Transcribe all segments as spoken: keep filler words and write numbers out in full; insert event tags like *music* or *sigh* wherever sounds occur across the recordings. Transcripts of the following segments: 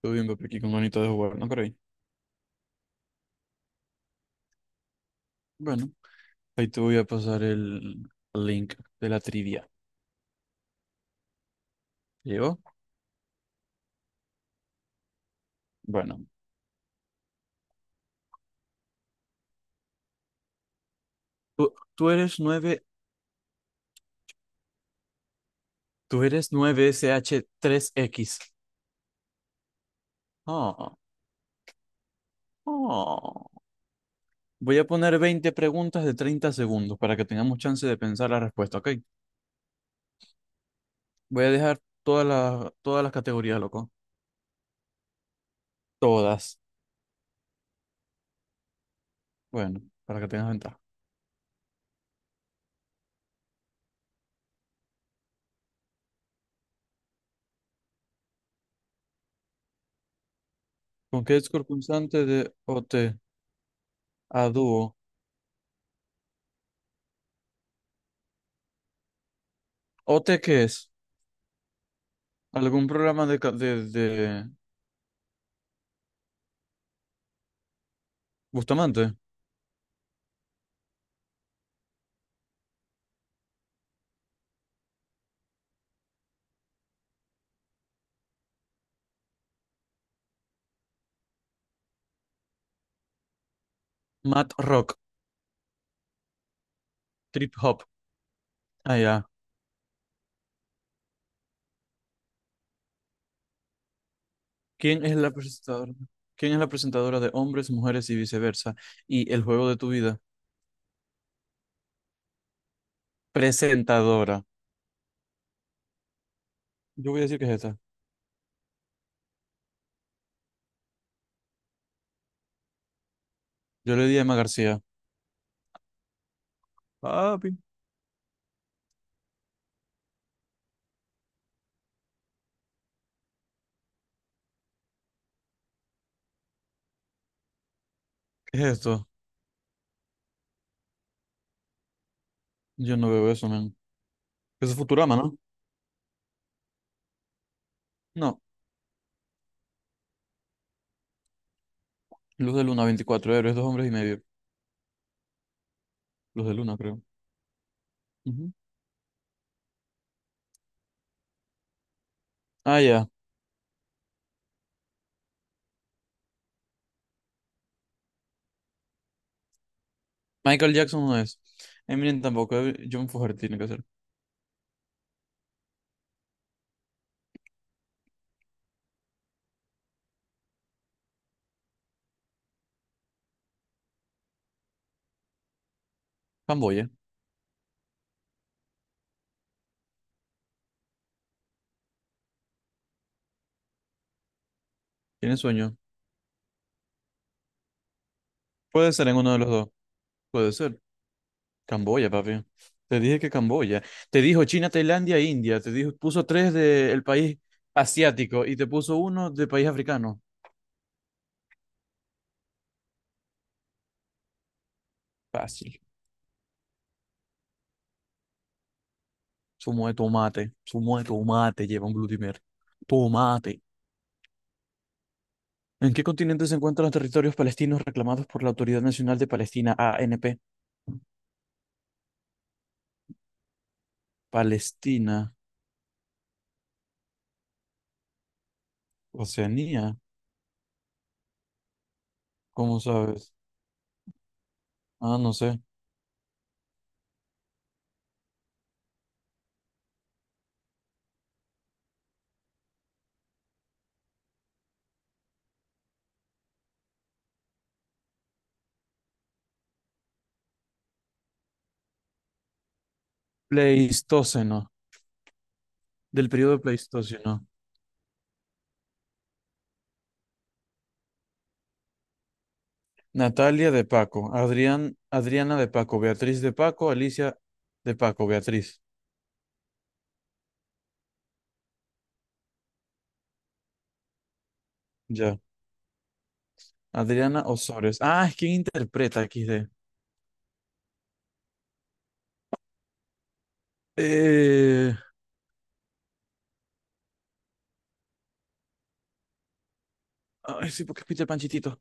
Todo bien, papi, aquí con manito de jugar, ¿no creí? Bueno, ahí te voy a pasar el link de la trivia. ¿Llegó? Bueno, tú, tú eres nueve. Tú eres nueve sh tres x. Ah. Ah. Voy a poner veinte preguntas de treinta segundos para que tengamos chance de pensar la respuesta, ¿ok? Voy a dejar todas las, todas las categorías, loco. Todas. Bueno, para que tengas ventaja. ¿Con qué es constante de O T a dúo? ¿O T qué es? ¿Algún programa de, ca- de, de- Bustamante. Matt Rock. Trip Hop. Ah, ya. ¿Quién es la presentadora? ¿Quién es la presentadora de Hombres, Mujeres y Viceversa? Y El Juego de tu Vida. Presentadora. Yo voy a decir que es esta. Yo le di a Emma García. Papi. ¿Qué es esto? Yo no veo eso, man. Eso es Futurama, ¿no? No. Luz de Luna, veinticuatro héroes, dos hombres y medio. Luz de Luna, creo. Ujú. Ah, ya. Michael Jackson no es. Eminem tampoco. eh, John Fogerty tiene que ser. Camboya. Tiene sueño. Puede ser en uno de los dos. Puede ser. Camboya, papi. Te dije que Camboya. Te dijo China, Tailandia, e India. Te dijo, puso tres del país asiático y te puso uno de país africano. Fácil. Zumo de tomate. Zumo de tomate lleva un glutimer. Tomate. ¿En qué continente se encuentran los territorios palestinos reclamados por la Autoridad Nacional de Palestina, A N P? Palestina. Oceanía. ¿Cómo sabes? Ah, no sé. Pleistoceno. Del periodo Pleistoceno. Natalia de Paco, Adrián, Adriana de Paco, Beatriz de Paco, Alicia de Paco, Beatriz. Ya. Adriana Osores. Ah, es quien interpreta equis de. Eh, ay, sí, porque es Peter Panchitito.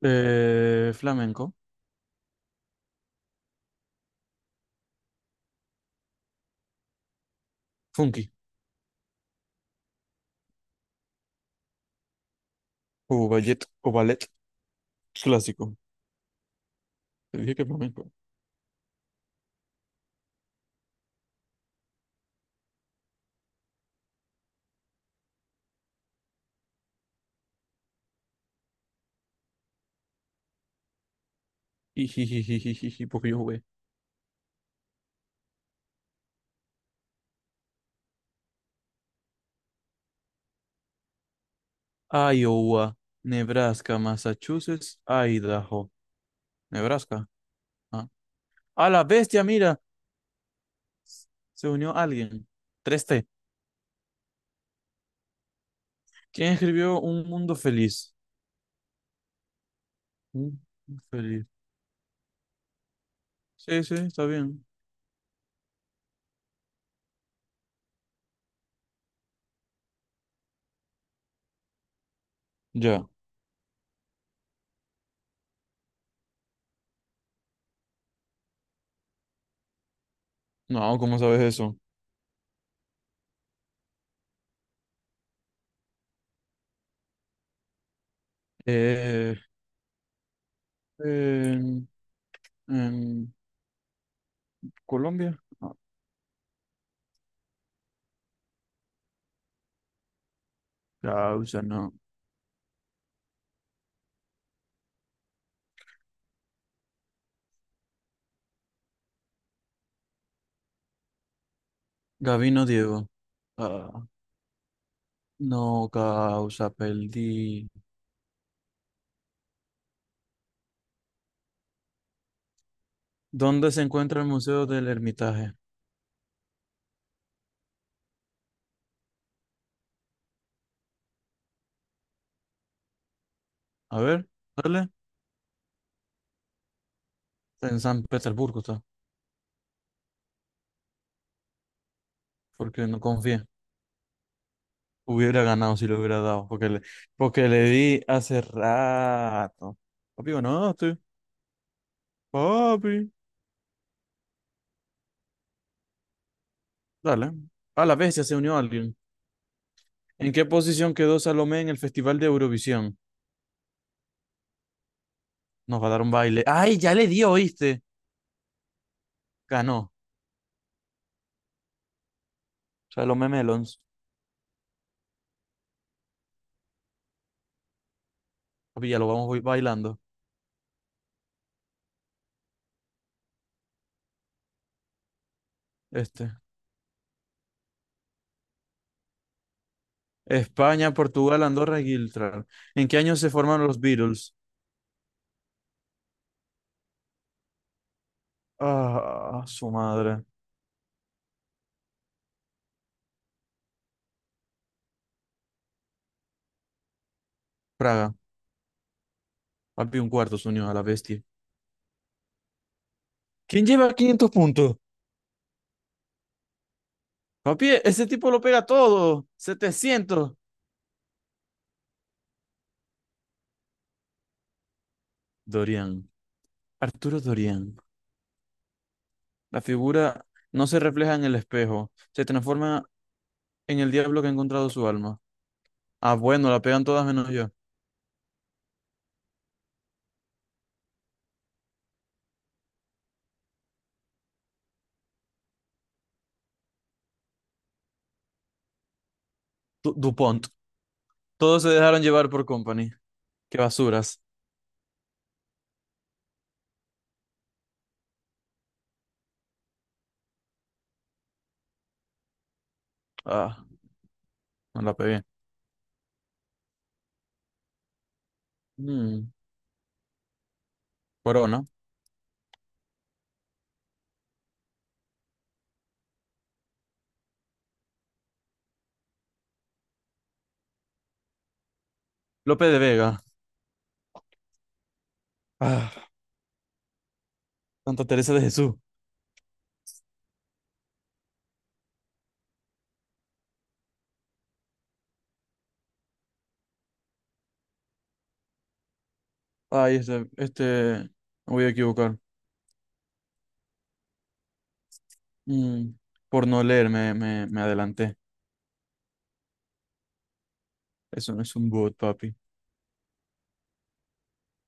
Eh, flamenco. Funky. O ballet, o ballet clásico. Te dije que flamenco. Ijijijijiji, porque yo jugué. Iowa, Nebraska, Massachusetts, Idaho. Nebraska. Ah. A la bestia, mira. Se unió alguien. Tres t. ¿Quién escribió Un Mundo Feliz? Un Mundo Feliz. Sí, sí, está bien. Ya. No, ¿cómo sabes eso? Eh, en, en Colombia. No, causa, no. Gabino Diego. Ah, no, causa, perdí. ¿Dónde se encuentra el Museo del Hermitage? A ver, dale. En San Petersburgo está, porque no confié. Hubiera ganado si lo hubiera dado, porque le, porque le di hace rato. Papi, ganaste. Papi. Dale. A la bestia se unió alguien. ¿En qué posición quedó Salomé en el Festival de Eurovisión? Nos va a dar un baile. ¡Ay, ya le dio, oíste! Ganó. Salomé Melons. Papi, ya lo vamos hoy bailando. Este. España, Portugal, Andorra y Gibraltar. ¿En qué año se formaron los Beatles? Ah, su madre. Praga. Papi, un cuarto se unió a la bestia. ¿Quién lleva quinientos puntos? Papi, ese tipo lo pega todo. Setecientos. Dorian. Arturo Dorian. La figura no se refleja en el espejo, se transforma en el diablo que ha encontrado su alma. Ah, bueno, la pegan todas menos yo. Du- DuPont. Todos se dejaron llevar por Company. Qué basuras. Ah, no la pegué. Mm, Corona. Lope de Vega. Ah, Santa Teresa de Jesús. Ay, este, este, me voy a equivocar. Mm, por no leer me, me, me adelanté. Eso no es un bot, papi.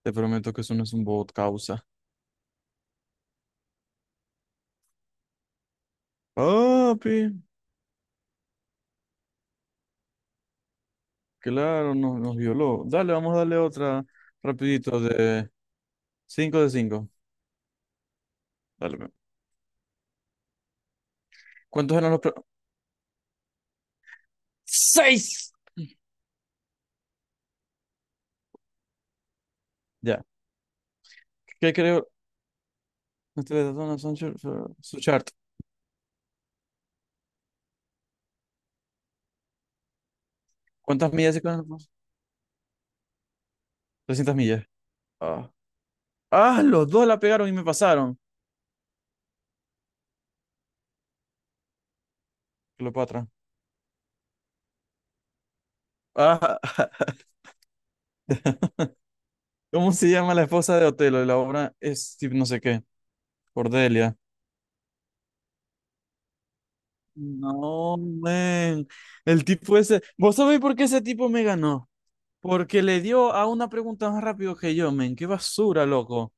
Te prometo que eso no es un bot, causa. Papi. Claro, nos, nos violó. Dale, vamos a darle otra rapidito de cinco de cinco. Dale. Pe. ¿Cuántos eran los... pre- ¡Seis! Ya. ¿Qué creo? Ustedes son- son su su chart. ¿Cuántas millas se quedan? trescientas millas. Ah. Ah, los dos la pegaron y me pasaron. Cleopatra. Ah, *laughs* ¿cómo se llama la esposa de Otelo? Y la obra es tipo no sé qué. Cordelia. No, man. El tipo ese. ¿Vos sabés por qué ese tipo me ganó? Porque le dio a una pregunta más rápido que yo, men. Qué basura, loco.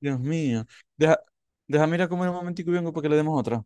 Dios mío. Deja, deja, mira comer un momentico y vengo para que le demos otra.